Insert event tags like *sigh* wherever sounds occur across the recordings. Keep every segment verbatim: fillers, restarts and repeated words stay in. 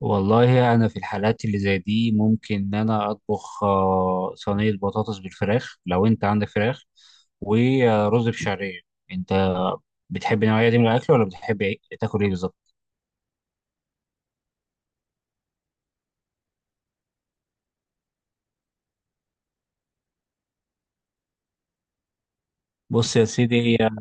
والله أنا في الحالات اللي زي دي ممكن إن أنا أطبخ آه، صينية بطاطس بالفراخ لو أنت عندك فراخ ورز بشعرية. أنت بتحب النوعية دي من الأكل ولا بتحب إيه- تاكل إيه بالظبط؟ بص يا سيدي هي-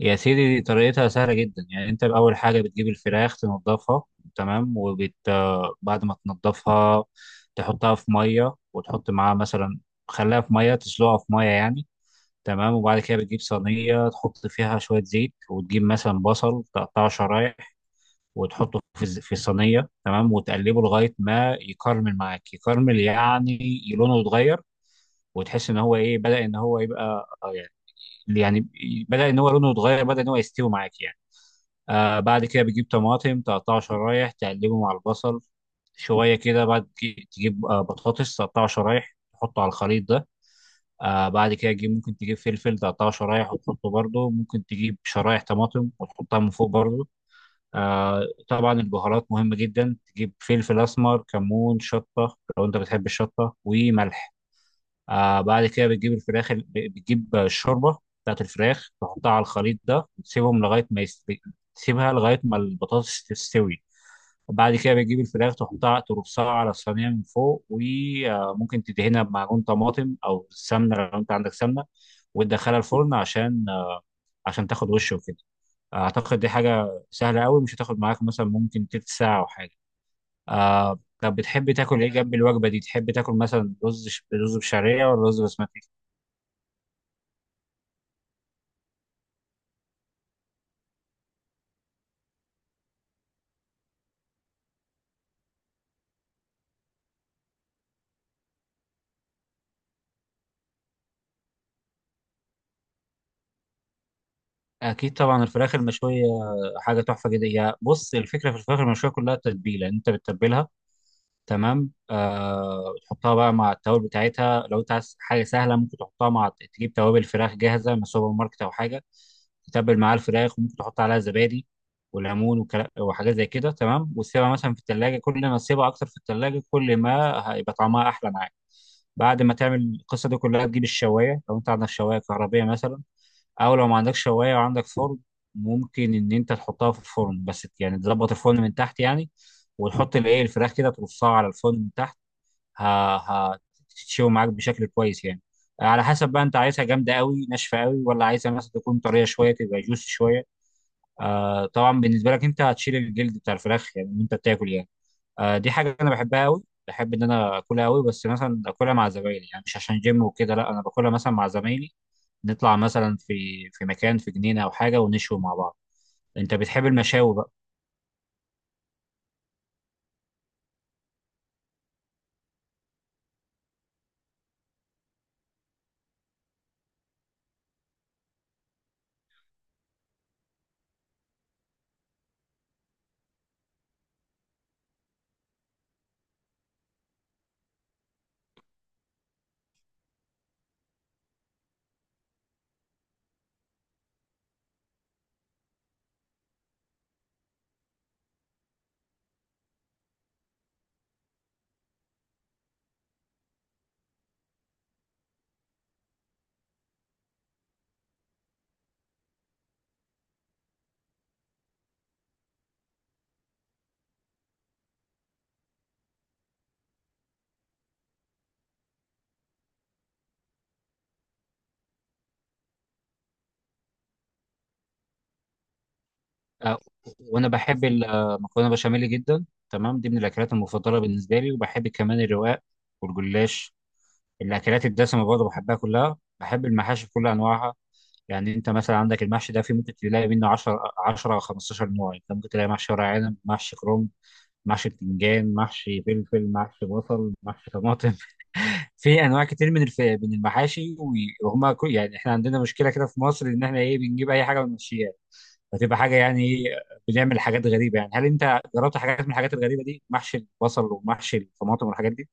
يا سيدي دي طريقتها سهلة جدا. يعني أنت أول حاجة بتجيب الفراخ تنضفها، تمام. وبت آه، بعد ما تنضفها تحطها في مية، وتحط معاها مثلا، خليها في مية، تسلقها في مية يعني. تمام، وبعد كده بتجيب صينية تحط فيها شوية زيت، وتجيب مثلا بصل تقطعه شرايح وتحطه في الز- في الصينية، تمام، وتقلبه لغاية ما يكرمل معاك. يكرمل يعني لونه يتغير، وتحس ان هو ايه، بدأ ان هو يبقى آه، يعني، يعني بدأ ان هو لونه يتغير، بدأ ان هو يستوي معاك يعني. آه، بعد كده بتجيب طماطم تقطعه شرايح تقلبه مع البصل شوية كده. بعد كده تجيب آه، بطاطس تقطعه شرايح تحطه على الخليط ده. آه، بعد كده تجيب، ممكن تجيب فلفل تقطعه شرايح وتحطه برضه، ممكن تجيب شرايح طماطم وتحطها من فوق برضه. آه، طبعا البهارات مهمة جدا، تجيب فلفل أسمر، كمون، شطة لو أنت بتحب الشطة، وملح. آه، بعد كده بتجيب الفراخ ال- بتجيب الشوربة بتاعت الفراخ تحطها على الخليط ده، وتسيبهم لغاية ما يستوي، تسيبها لغاية ما البطاطس تستوي. بعد كده بتجيب الفراخ تحطها ترصها على الصينية من فوق، وممكن تدهنها بمعجون طماطم أو سمنة لو أنت عندك سمنة، وتدخلها الفرن عشان عشان تاخد وش وكده. اعتقد دي حاجه سهله قوي، مش هتاخد معاك مثلا، ممكن تلت ساعه او حاجه. آه، طب بتحب تاكل ايه جنب الوجبه دي؟ تحب تاكل مثلا رز ش- رز بشعريه ولا رز بسمتي؟ اكيد طبعا الفراخ المشويه حاجه تحفه جدا. يا بص الفكره في الفراخ المشويه كلها التتبيله، انت بتتبلها تمام. آه، تحطها بقى مع التوابل بتاعتها، لو انت عايز حاجه سهله ممكن تحطها مع، تجيب توابل فراخ جاهزه من السوبر ماركت او حاجه، تتبل معاها الفراخ، وممكن تحط عليها زبادي وليمون وكلا- وحاجات زي كده. تمام، وتسيبها مثلا في التلاجة، كل ما تسيبها اكتر في التلاجة كل ما هيبقى طعمها احلى معاك. بعد ما تعمل القصه دي كلها تجيب الشوايه، لو انت عندك شوايه كهربيه مثلا، او لو ما عندكش شوايه وعندك فرن، ممكن ان انت تحطها في الفرن، بس يعني تظبط الفرن من تحت يعني، وتحط الايه، الفراخ كده ترصها على الفرن من تحت. ه- ه- هتتشوي معاك بشكل كويس يعني. على حسب بقى، انت عايزها جامده قوي ناشفه قوي ولا عايزها مثلا تكون طريه شويه، تبقى جوسي شويه. آه، طبعا بالنسبه لك انت هتشيل الجلد بتاع الفراخ يعني وانت بتاكل يعني. آه، دي حاجه انا بحبها قوي، بحب ان انا اكلها قوي، بس مثلا اكلها مع زمايلي يعني، مش عشان جيم وكده، لا، انا باكلها مثلا مع زمايلي، نطلع مثلا في في مكان، في جنينه او حاجه، ونشوي مع بعض. انت بتحب المشاوي بقى؟ آه، وانا بحب المكرونه بشاميل جدا، تمام. دي من الاكلات المفضله بالنسبه لي، وبحب كمان الرواق والجلاش. الاكلات الدسمه برضه بحبها كلها، بحب المحاشي بكل انواعها. يعني انت مثلا عندك المحشي ده في ممكن تلاقي منه 10 10 او خمستاشر نوع. انت ممكن تلاقي محشي ورق عنب، محشي كرنب، محشي بتنجان، محشي فلفل، محشي بصل، محشي طماطم. في انواع كتير من الف... من المحاشي و- وهما كل... يعني احنا عندنا مشكله كده في مصر، ان احنا ايه، بنجيب اي حاجه ونمشيها، فتبقى حاجه يعني إيه، بنعمل حاجات غريبه يعني. هل انت جربت حاجات من الحاجات الغريبه دي؟ محشي البصل ومحشي الطماطم والحاجات دي.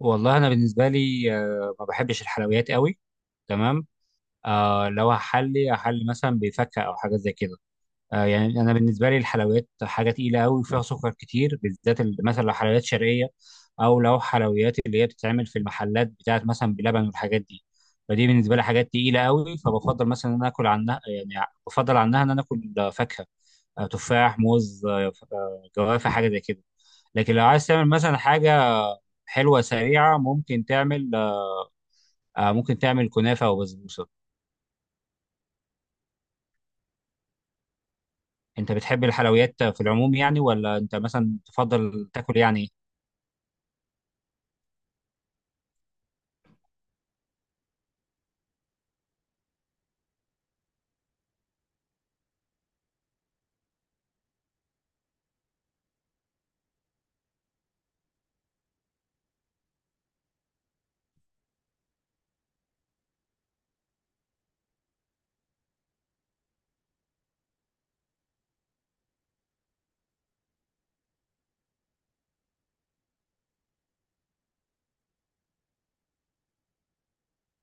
والله انا بالنسبه لي آه، ما بحبش الحلويات قوي، تمام. آه، لو هحلي هحلي مثلا بفكه او حاجه زي كده. آه، يعني انا بالنسبه لي الحلويات حاجه تقيله قوي وفيها سكر كتير، بالذات ال- مثلا لو حلويات شرقيه، او لو حلويات اللي هي بتتعمل في المحلات بتاعت مثلا بلبن والحاجات دي. فدي بالنسبه لي حاجات تقيله قوي، فبفضل مثلا ان انا اكل عنها، يعني بفضل عنها ان انا اكل آه، فاكهه، آه، تفاح، موز، آه، ف- آه، جوافه، حاجه زي كده. لكن لو عايز تعمل مثلا حاجه حلوه سريعه، ممكن تعمل آه، ممكن تعمل كنافه وبسبوسه. انت بتحب الحلويات في العموم يعني، ولا انت مثلا تفضل تاكل يعني؟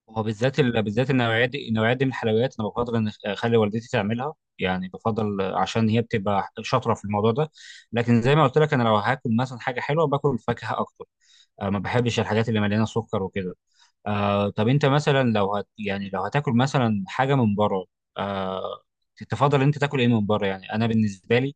هو بالذات ال... بالذات النوعيات دي، النوعية دي من الحلويات انا بفضل ان اخلي والدتي تعملها، يعني بفضل عشان هي بتبقى شاطره في الموضوع ده. لكن زي ما قلت لك، انا لو هاكل مثلا حاجه حلوه باكل فاكهه اكتر. أه، ما بحبش الحاجات اللي مليانه سكر وكده. آه، طب انت مثلا لو هت، يعني لو هتاكل مثلا حاجه من بره، آه، تفضل انت تاكل ايه من بره؟ يعني انا بالنسبه لي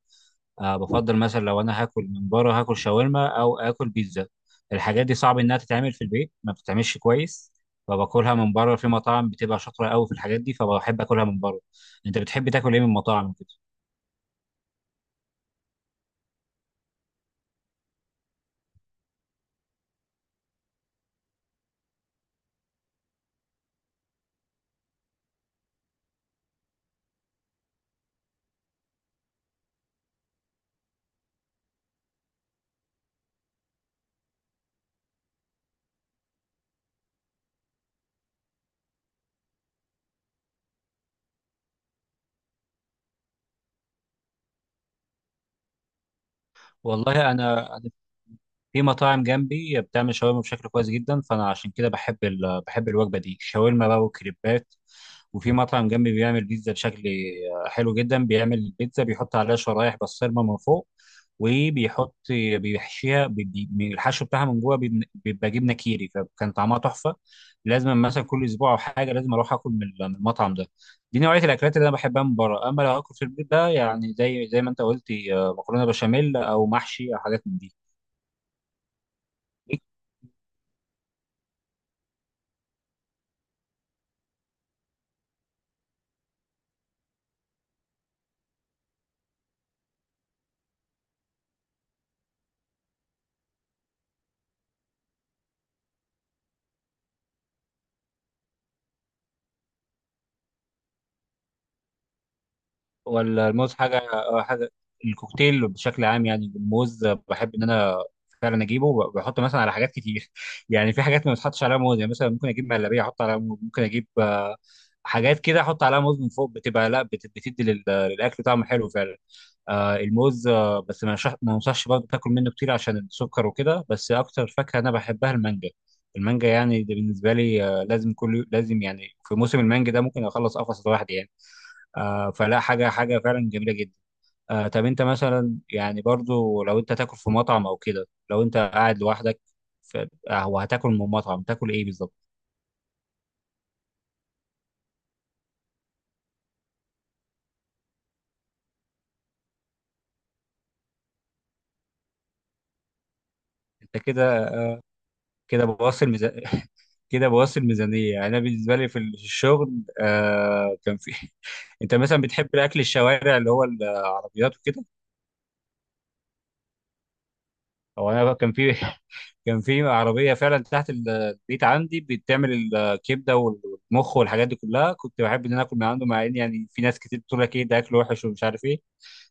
آه بفضل مثلا لو انا هاكل من بره هاكل شاورما او اكل بيتزا. الحاجات دي صعب انها تتعمل في البيت، ما بتتعملش كويس، فباكلها من بره في مطاعم بتبقى شاطره قوي في الحاجات دي، فبحب اكلها من بره. انت بتحب تاكل ايه من مطاعم كده؟ والله انا في مطاعم جنبي بتعمل شاورما بشكل كويس جدا، فانا عشان كده بحب ال... بحب الوجبه دي، شاورما بقى وكريبات. وفي مطعم جنبي بيعمل بيتزا بشكل حلو جدا، بيعمل البيتزا بيحط عليها شرايح بسطرمه من فوق، وبيحط، بيحشيها بي... بي... الحشو بتاعها من جوه بيبن- بيبقى جبنه كيري، فكان طعمها تحفه. لازم مثلا كل اسبوع او حاجه لازم اروح اكل من ال- من المطعم ده. دي نوعيه الاكلات اللي انا بحبها من بره. اما لو اكل في البيت ده، يعني زي زي ما انت قلت، آه، مكرونه بشاميل او محشي او حاجات من دي. ولا الموز حاجه، آه، حاجه، الكوكتيل بشكل عام. يعني الموز بحب ان انا فعلا اجيبه وب- بحطه مثلا على حاجات كتير *laughs* يعني، في حاجات ما بتحطش عليها موز يعني. مثلا ممكن اجيب مهلبيه احط عليها موز، ممكن اجيب آه، حاجات كده احط عليها موز من فوق، بتبقى لا بت- بتدي لل- للاكل طعم حلو فعلا. آه، الموز، آه، بس ما يرشح- ما انصحش برضه تاكل منه كتير عشان السكر وكده. بس اكتر فاكهه انا بحبها المانجا. المانجا يعني دي بالنسبه لي آه لازم، كل لازم يعني، في موسم المانجا ده ممكن اخلص قفص لوحدي يعني. آه، فلا، حاجة حاجة فعلا جميلة جدا. آه، طب انت مثلا يعني، برضو لو انت تاكل في مطعم او كده، لو انت قاعد لوحدك ف- آه، وهتاكل من مطعم تاكل ايه بالظبط؟ انت كده، كده بوصل ميزان *laughs* كده بوصل ميزانية. يعني انا بالنسبة لي في الشغل آه كان في *laughs* انت مثلا بتحب الاكل الشوارع اللي هو العربيات وكده؟ هو انا كان في *laughs* كان في عربية فعلا تحت ال- البيت عندي بتعمل الكبدة والمخ والحاجات دي كلها، كنت بحب ان انا اكل من عنده، مع ان يعني في ناس كتير بتقول لك ايه ده، اكل وحش ومش عارف ايه،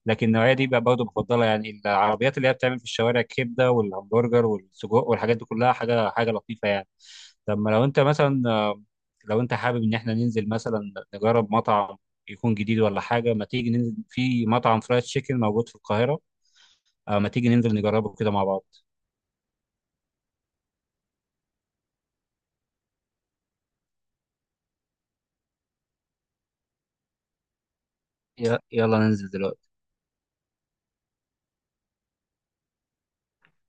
لكن النوعية دي بقى برضه بفضلها، يعني العربيات اللي هي بتعمل في الشوارع الكبدة والهمبرجر والسجق والحاجات دي كلها، حاجة حاجة لطيفة يعني. طب ما لو انت مثلا آه، لو انت حابب ان احنا ننزل مثلا نجرب مطعم يكون جديد ولا حاجة، ما تيجي ننزل في مطعم فرايد تشيكن موجود في القاهرة؟ آه، ما تيجي ننزل نجربه كده مع بعض؟ ي- يلا ننزل دلوقتي